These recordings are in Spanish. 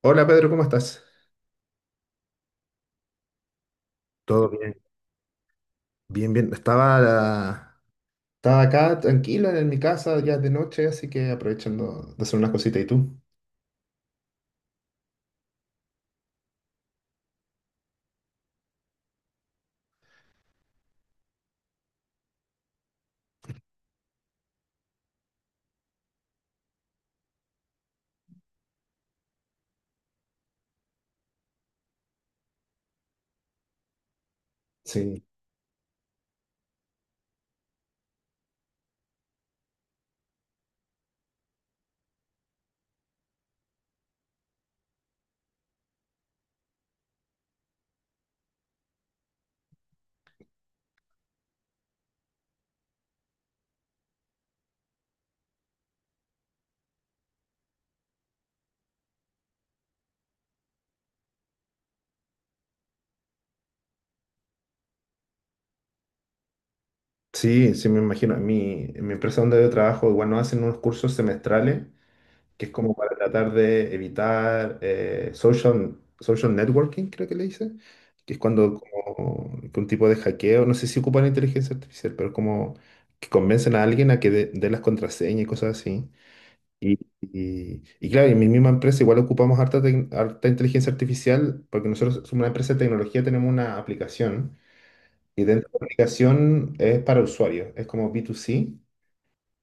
Hola Pedro, ¿cómo estás? Todo bien, bien. Estaba acá tranquila en mi casa ya de noche, así que aprovechando de hacer unas cositas. ¿Y tú? Sí, sí, sí, me imagino. En mi empresa donde yo trabajo, igual nos hacen unos cursos semestrales, que es como para tratar de evitar social networking, creo que le dicen, que es cuando como, que un tipo de hackeo, no sé si ocupan inteligencia artificial, pero como que convencen a alguien a que dé las contraseñas y cosas así. Y claro, en mi misma empresa igual ocupamos harta inteligencia artificial porque nosotros somos una empresa de tecnología, tenemos una aplicación y dentro de la aplicación es para usuarios, es como B2C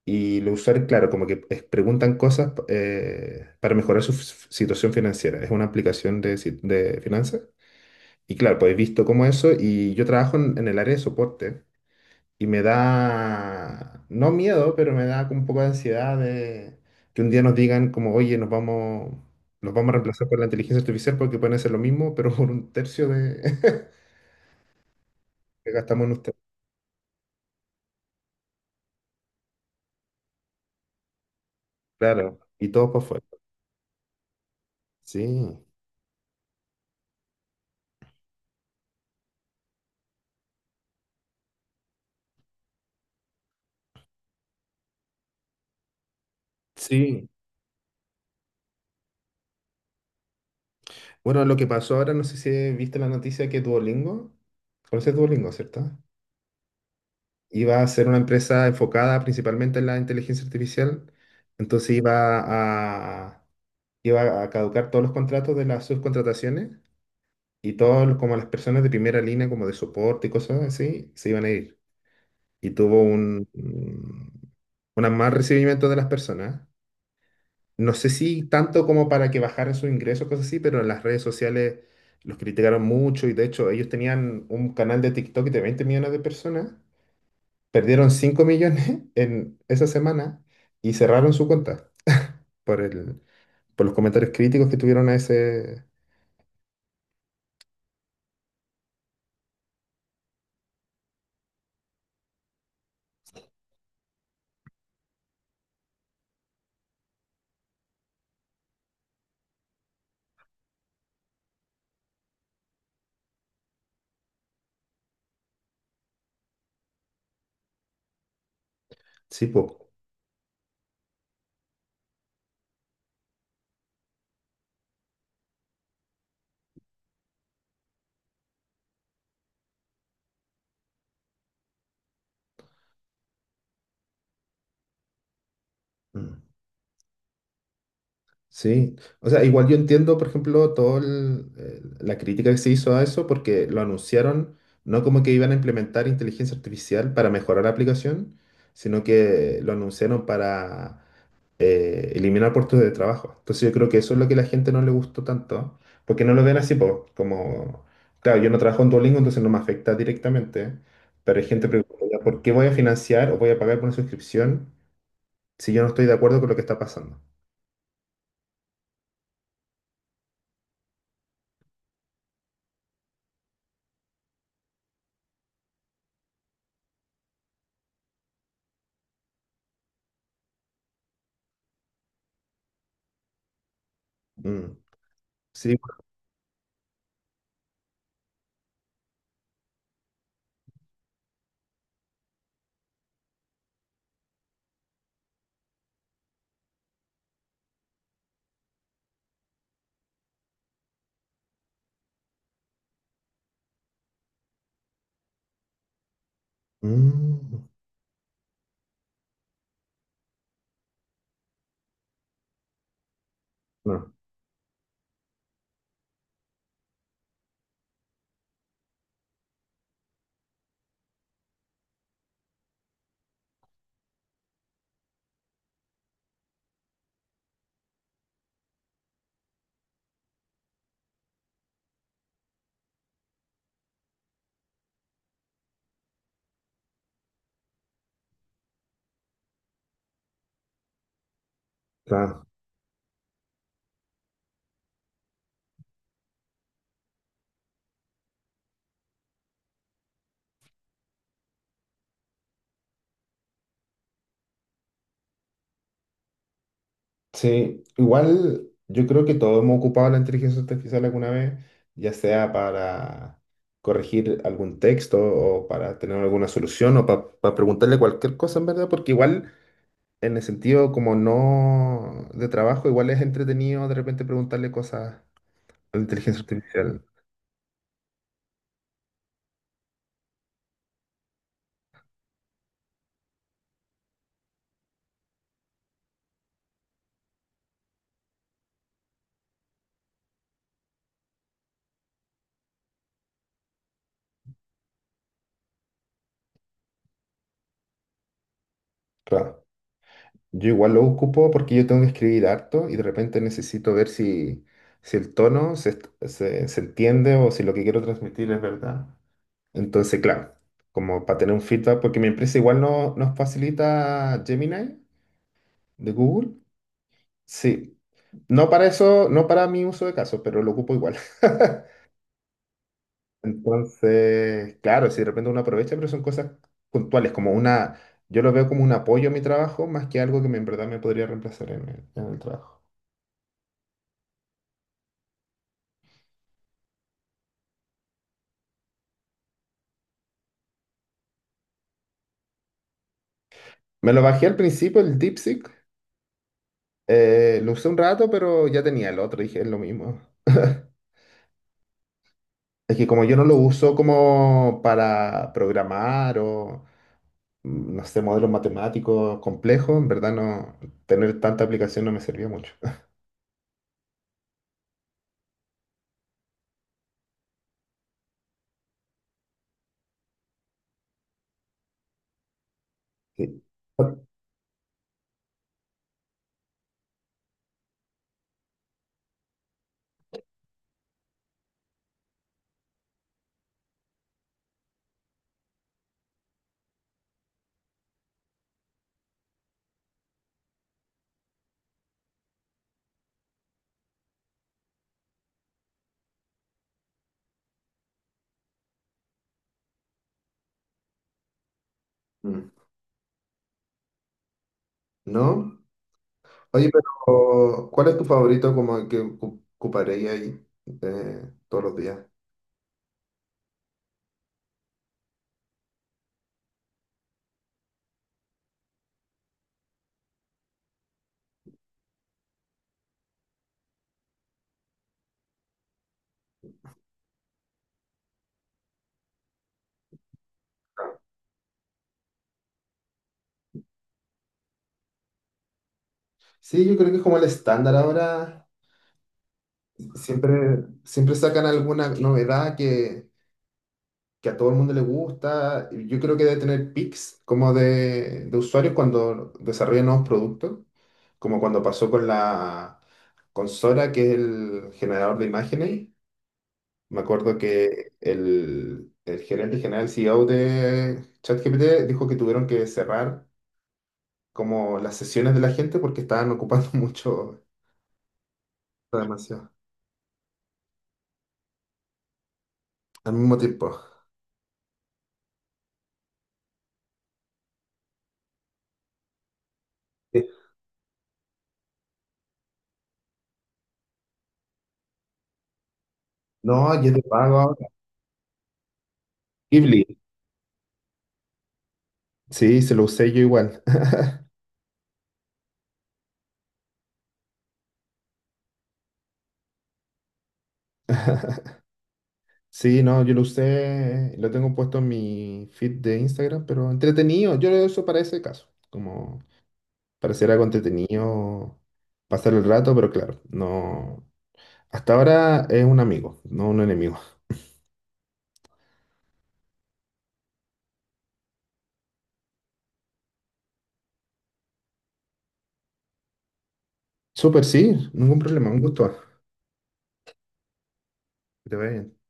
y los usuarios, claro, preguntan cosas para mejorar su situación financiera. Es una aplicación de, de finanzas y claro, pues he visto como eso y yo trabajo en el área de soporte. Y me da, no miedo, pero me da como un poco de ansiedad de que un día nos digan como, oye, nos vamos a reemplazar por la inteligencia artificial porque pueden hacer lo mismo, pero por un tercio de que gastamos en usted. Claro, y todos por fuera. Sí, sí. Bueno, lo que pasó ahora, no sé si viste la noticia que Duolingo, conoces Duolingo, ¿cierto? Iba a ser una empresa enfocada principalmente en la inteligencia artificial, entonces a, iba a caducar todos los contratos de las subcontrataciones. Y todos, como las personas de primera línea, como de soporte y cosas así, se iban a ir. Y tuvo un un mal recibimiento de las personas. No sé si tanto como para que bajaran sus ingresos, cosas así, pero en las redes sociales los criticaron mucho y de hecho ellos tenían un canal de TikTok de 20 millones de personas, perdieron 5 millones en esa semana y cerraron su cuenta por el, por los comentarios críticos que tuvieron a ese... Sí, po. Mm. Sí, o sea, igual yo entiendo, por ejemplo, toda la crítica que se hizo a eso porque lo anunciaron no como que iban a implementar inteligencia artificial para mejorar la aplicación, sino que lo anunciaron para eliminar puestos de trabajo. Entonces yo creo que eso es lo que a la gente no le gustó tanto, porque no lo ven así po, como, claro, yo no trabajo en Duolingo, entonces no me afecta directamente, pero hay gente preguntando, "Ya, ¿por qué voy a financiar o voy a pagar por una suscripción si yo no estoy de acuerdo con lo que está pasando?" Mm. Sí, mm, no, está. Sí, igual yo creo que todos hemos ocupado la inteligencia artificial alguna vez, ya sea para corregir algún texto o para tener alguna solución o para preguntarle cualquier cosa en verdad, porque igual en el sentido como no de trabajo, igual es entretenido de repente preguntarle cosas a la inteligencia artificial. Claro. Yo igual lo ocupo porque yo tengo que escribir harto y de repente necesito ver si, si el tono se entiende o si lo que quiero transmitir es verdad. Entonces, claro, como para tener un feedback, porque mi empresa igual no, nos facilita Gemini de Google. Sí, no para eso, no para mi uso de caso, pero lo ocupo igual. Entonces, claro, si de repente uno aprovecha, pero son cosas puntuales, como una, yo lo veo como un apoyo a mi trabajo más que algo que en verdad me podría reemplazar en el trabajo. Me lo bajé al principio, el DeepSeek. Lo usé un rato, pero ya tenía el otro, dije, es lo mismo. Es que como yo no lo uso como para programar o, mm, no sé, modelos matemáticos complejos, en verdad no, tener tanta aplicación no me servía mucho. Sí. Mm, ¿no? Oye, pero ¿cuál es tu favorito como que ocuparía ahí eh, todos los días? Sí, yo creo que es como el estándar ahora. Siempre, siempre sacan alguna novedad que a todo el mundo le gusta. Yo creo que debe tener pics como de usuarios cuando desarrolla nuevos productos, como cuando pasó con la con Sora, que es el generador de imágenes. Me acuerdo que el gerente general, el CEO de ChatGPT, dijo que tuvieron que cerrar como las sesiones de la gente porque estaban ocupando mucho, demasiado, al mismo tiempo. Sí. No, y es de pago ahora. Ghibli. Sí, se lo usé yo igual. Sí, no, yo lo usé, lo tengo puesto en mi feed de Instagram, pero entretenido, yo lo uso para ese caso, como para hacer algo entretenido, pasar el rato, pero claro, no, hasta ahora es un amigo, no un enemigo. Súper, sí, ningún problema, un gusto. Que te vaya bien.